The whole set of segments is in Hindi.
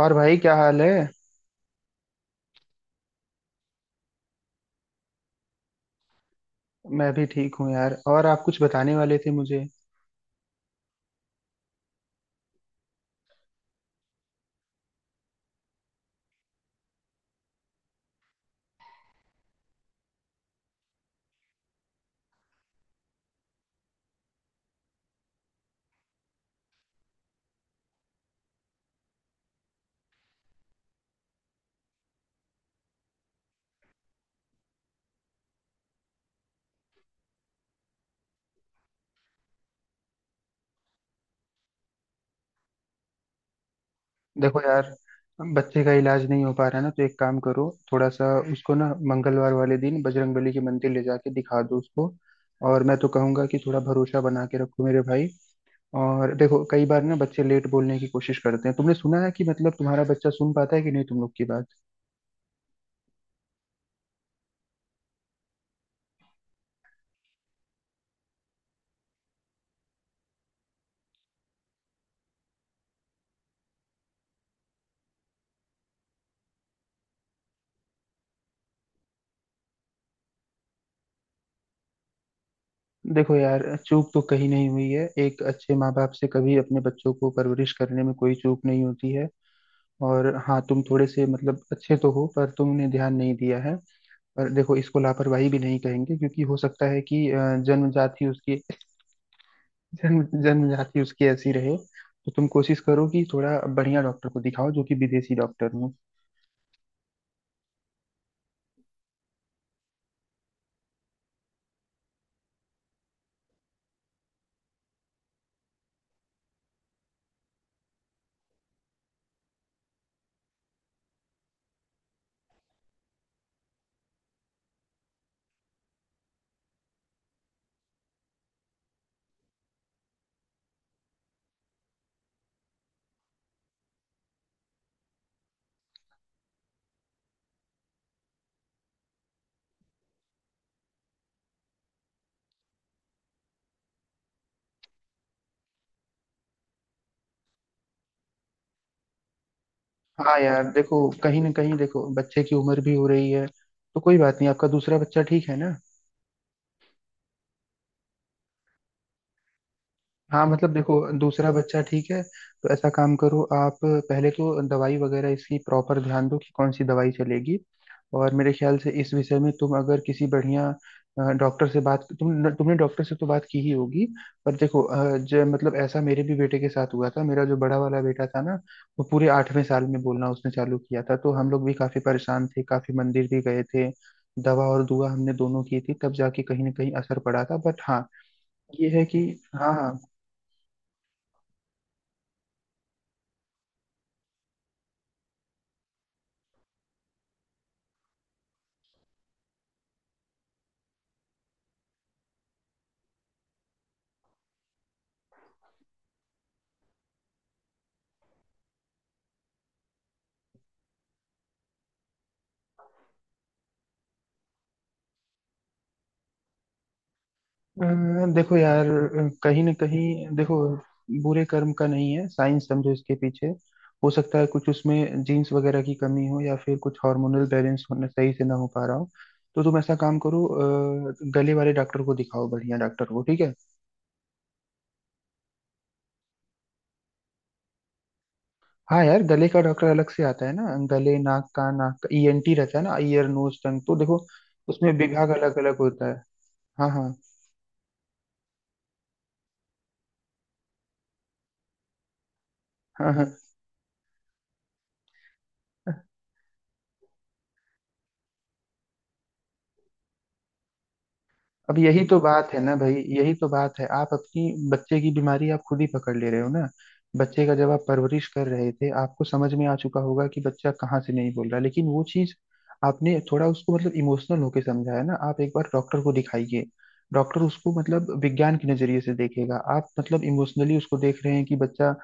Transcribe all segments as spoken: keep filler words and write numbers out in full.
और भाई क्या हाल है? मैं भी ठीक हूँ यार। और आप कुछ बताने वाले थे मुझे। देखो यार, बच्चे का इलाज नहीं हो पा रहा है ना, तो एक काम करो थोड़ा सा, उसको ना मंगलवार वाले दिन बजरंगबली के मंदिर ले जाके दिखा दो उसको। और मैं तो कहूंगा कि थोड़ा भरोसा बना के रखो मेरे भाई। और देखो, कई बार ना बच्चे लेट बोलने की कोशिश करते हैं। तुमने सुना है कि मतलब तुम्हारा बच्चा सुन पाता है कि नहीं तुम लोग की बात? देखो यार, चूक तो कहीं नहीं हुई है। एक अच्छे माँ बाप से कभी अपने बच्चों को परवरिश करने में कोई चूक नहीं होती है। और हाँ, तुम थोड़े से मतलब अच्छे तो हो, पर तुमने ध्यान नहीं दिया है। पर देखो, इसको लापरवाही भी नहीं कहेंगे, क्योंकि हो सकता है कि अ, जन्मजाति उसकी जन्म जन्मजाति उसकी ऐसी रहे। तो तुम कोशिश करो कि थोड़ा बढ़िया डॉक्टर को दिखाओ, जो कि विदेशी डॉक्टर हो। हाँ यार, देखो कहीं ना कहीं देखो बच्चे की उम्र भी हो रही है। तो कोई बात नहीं, आपका दूसरा बच्चा ठीक है ना? हाँ मतलब देखो, दूसरा बच्चा ठीक है। तो ऐसा काम करो, आप पहले तो दवाई वगैरह इसकी प्रॉपर ध्यान दो कि कौन सी दवाई चलेगी। और मेरे ख्याल से इस विषय में तुम अगर किसी बढ़िया अ, डॉक्टर से बात, तुम तुमने डॉक्टर से तो बात की ही होगी। पर देखो, अ, जो मतलब ऐसा मेरे भी बेटे के साथ हुआ था। मेरा जो बड़ा वाला बेटा था ना, वो पूरे आठवें साल में बोलना उसने चालू किया था। तो हम लोग भी काफी परेशान थे, काफी मंदिर भी गए थे। दवा और दुआ हमने दोनों की थी, तब जाके कहीं ना कहीं असर पड़ा था। बट हाँ, ये है कि, हाँ हाँ। अ, देखो यार, कहीं ना कहीं देखो बुरे कर्म का नहीं है, साइंस समझो इसके पीछे। हो सकता है कुछ उसमें जीन्स वगैरह की कमी हो, या फिर कुछ हार्मोनल बैलेंस होना सही से ना हो पा रहा हो। तो तुम ऐसा काम करो, अ, गले वाले डॉक्टर को दिखाओ, बढ़िया डॉक्टर को। ठीक है? हाँ यार, गले का डॉक्टर अलग से आता है ना। गले नाक का नाक का ई एन टी रहता है ना, ईयर नोज टंग। तो देखो, उसमें विभाग अलग अलग होता है। हाँ हाँ। हाँ हाँ। अब यही तो बात है ना भाई, यही तो बात है। आप अपनी बच्चे की बीमारी आप खुद ही पकड़ ले रहे हो ना। बच्चे का जब आप परवरिश कर रहे थे, आपको समझ में आ चुका होगा कि बच्चा कहाँ से नहीं बोल रहा। लेकिन वो चीज आपने थोड़ा उसको मतलब इमोशनल होके समझाया ना। आप एक बार डॉक्टर को दिखाइए। डॉक्टर उसको मतलब विज्ञान के नजरिए से देखेगा। आप मतलब इमोशनली उसको देख रहे हैं कि बच्चा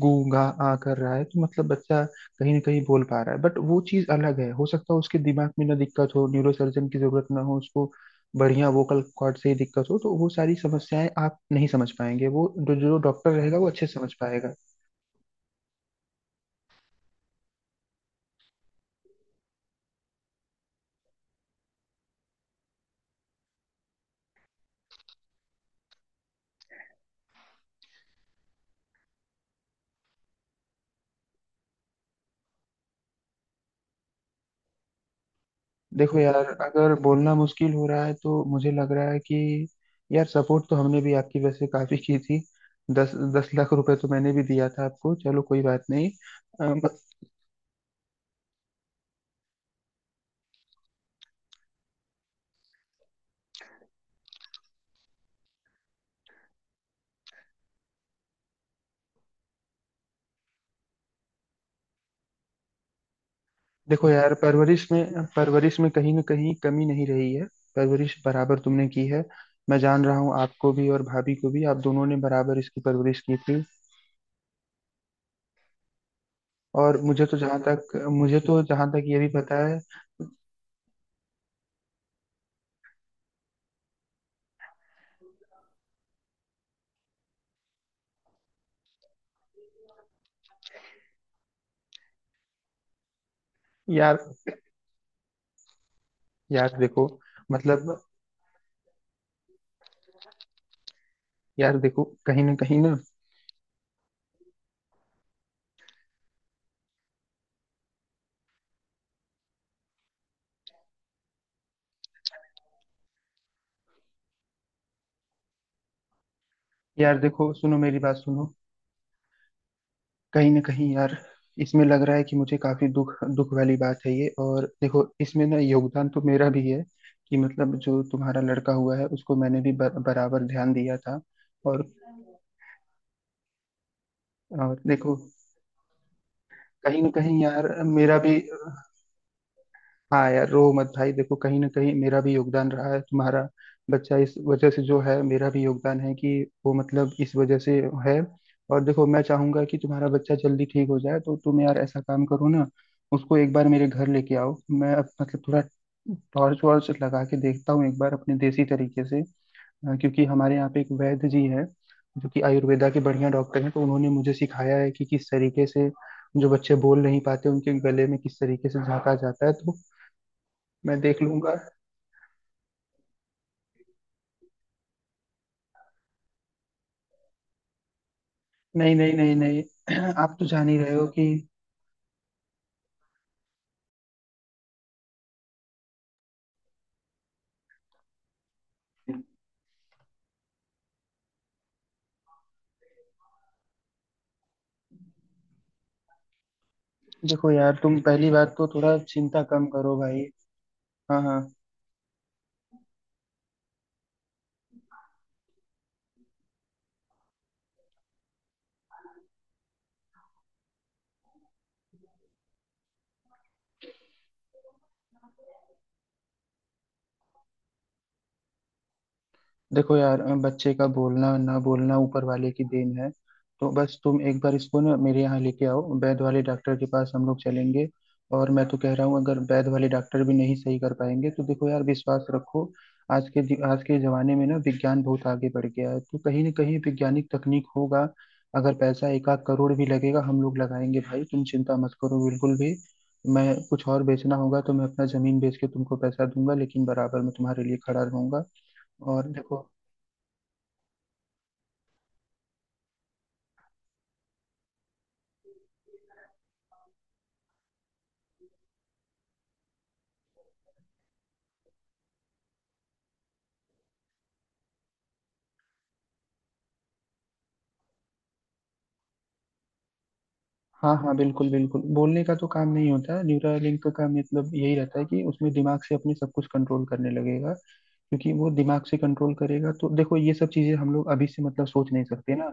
गू गा आ कर रहा है, तो मतलब बच्चा कहीं ना कहीं बोल पा रहा है। बट वो चीज अलग है। हो सकता है उसके दिमाग में ना दिक्कत हो, न्यूरोसर्जन की जरूरत ना हो उसको। बढ़िया वोकल कॉर्ड से ही दिक्कत हो, तो वो सारी समस्याएं आप नहीं समझ पाएंगे। वो जो जो डॉक्टर रहेगा वो अच्छे से समझ पाएगा। देखो यार, अगर बोलना मुश्किल हो रहा है, तो मुझे लग रहा है कि यार, सपोर्ट तो हमने भी आपकी वैसे काफी की थी। दस दस लाख रुपए तो मैंने भी दिया था आपको। चलो कोई बात नहीं। अम, देखो यार, परवरिश में परवरिश में कहीं ना कहीं कमी नहीं रही है। परवरिश बराबर तुमने की है। मैं जान रहा हूँ, आपको भी और भाभी को भी, आप दोनों ने बराबर इसकी परवरिश की थी। और मुझे तो जहां तक मुझे तो जहां तक ये भी पता है। यार यार देखो मतलब, यार देखो कहीं ना कहीं ना, यार देखो सुनो मेरी बात सुनो। कहीं ना कहीं यार, इसमें लग रहा है कि मुझे काफी दुख दुख वाली बात है ये। और देखो, इसमें ना योगदान तो मेरा भी है, कि मतलब जो तुम्हारा लड़का हुआ है, उसको मैंने भी बर, बराबर ध्यान दिया था। और और देखो, कहीं ना कहीं यार, मेरा भी। हाँ यार, रो मत भाई, देखो कहीं ना कहीं मेरा भी योगदान रहा है। तुम्हारा बच्चा इस वजह से जो है, मेरा भी योगदान है कि वो मतलब इस वजह से है। और देखो, मैं चाहूंगा कि तुम्हारा बच्चा जल्दी ठीक हो जाए। तो तुम यार ऐसा काम करो ना, उसको एक बार मेरे घर लेके आओ। मैं अब मतलब थोड़ा टॉर्च वॉर्च लगा के देखता हूँ एक बार अपने देसी तरीके से। अ, क्योंकि हमारे यहाँ पे एक वैद्य जी है, जो कि आयुर्वेदा के बढ़िया डॉक्टर हैं। तो उन्होंने मुझे सिखाया है कि किस तरीके से जो बच्चे बोल नहीं पाते उनके गले में किस तरीके से झांका जाता है। तो मैं देख लूंगा। नहीं नहीं नहीं नहीं। आप तो जान ही रहे हो कि। देखो यार, तुम पहली बात तो थोड़ा चिंता कम करो भाई। हाँ हाँ। देखो यार, अ, बच्चे का बोलना ना बोलना ऊपर वाले की देन है। तो बस तुम एक बार इसको ना मेरे यहाँ लेके आओ, वैद वाले डॉक्टर के पास हम लोग चलेंगे। और मैं तो कह रहा हूँ, अगर वैद वाले डॉक्टर भी नहीं सही कर पाएंगे, तो देखो यार, विश्वास रखो। आज के दि- आज के जमाने में ना विज्ञान बहुत आगे बढ़ गया है, तो कहीं ना कहीं वैज्ञानिक तकनीक होगा। अगर पैसा एक आध करोड़ भी लगेगा, हम लोग लगाएंगे भाई। तुम चिंता मत करो बिल्कुल भी। मैं कुछ और बेचना होगा तो मैं अपना जमीन बेच के तुमको पैसा दूंगा, लेकिन बराबर मैं तुम्हारे लिए खड़ा रहूंगा। और देखो। हाँ हाँ, बिल्कुल बिल्कुल, बोलने का तो काम नहीं होता। न्यूरालिंक का काम मतलब यही रहता है कि उसमें दिमाग से अपने सब कुछ कंट्रोल करने लगेगा। क्योंकि वो दिमाग से कंट्रोल करेगा, तो देखो ये सब चीजें हम लोग अभी से मतलब सोच नहीं सकते ना।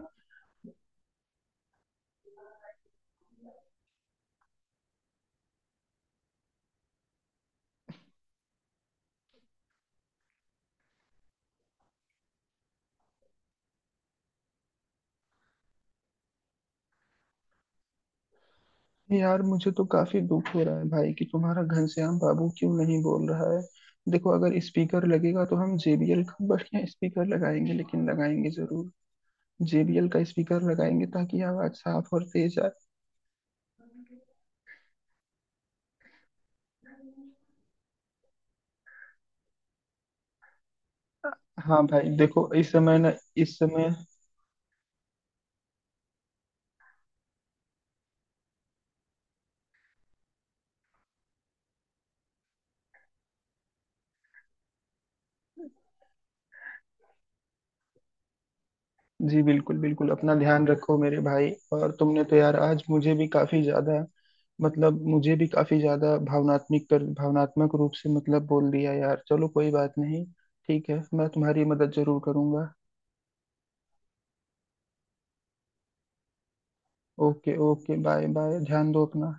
यार मुझे तो काफी दुख हो रहा है भाई, कि तुम्हारा घनश्याम बाबू क्यों नहीं बोल रहा है। देखो अगर स्पीकर लगेगा, तो हम जे बी एल का बढ़िया स्पीकर लगाएंगे, लेकिन लगाएंगे जरूर। जे बी एल का स्पीकर लगाएंगे ताकि आवाज साफ और तेज आए। हाँ भाई देखो, इस समय ना, इस समय। जी बिल्कुल बिल्कुल, अपना ध्यान रखो मेरे भाई। और तुमने तो यार आज मुझे भी काफी ज्यादा मतलब मुझे भी काफी ज्यादा भावनात्मक कर भावनात्मक रूप से मतलब बोल दिया यार। चलो कोई बात नहीं। ठीक है, मैं तुम्हारी मदद जरूर करूंगा। ओके ओके, बाय बाय, ध्यान दो अपना।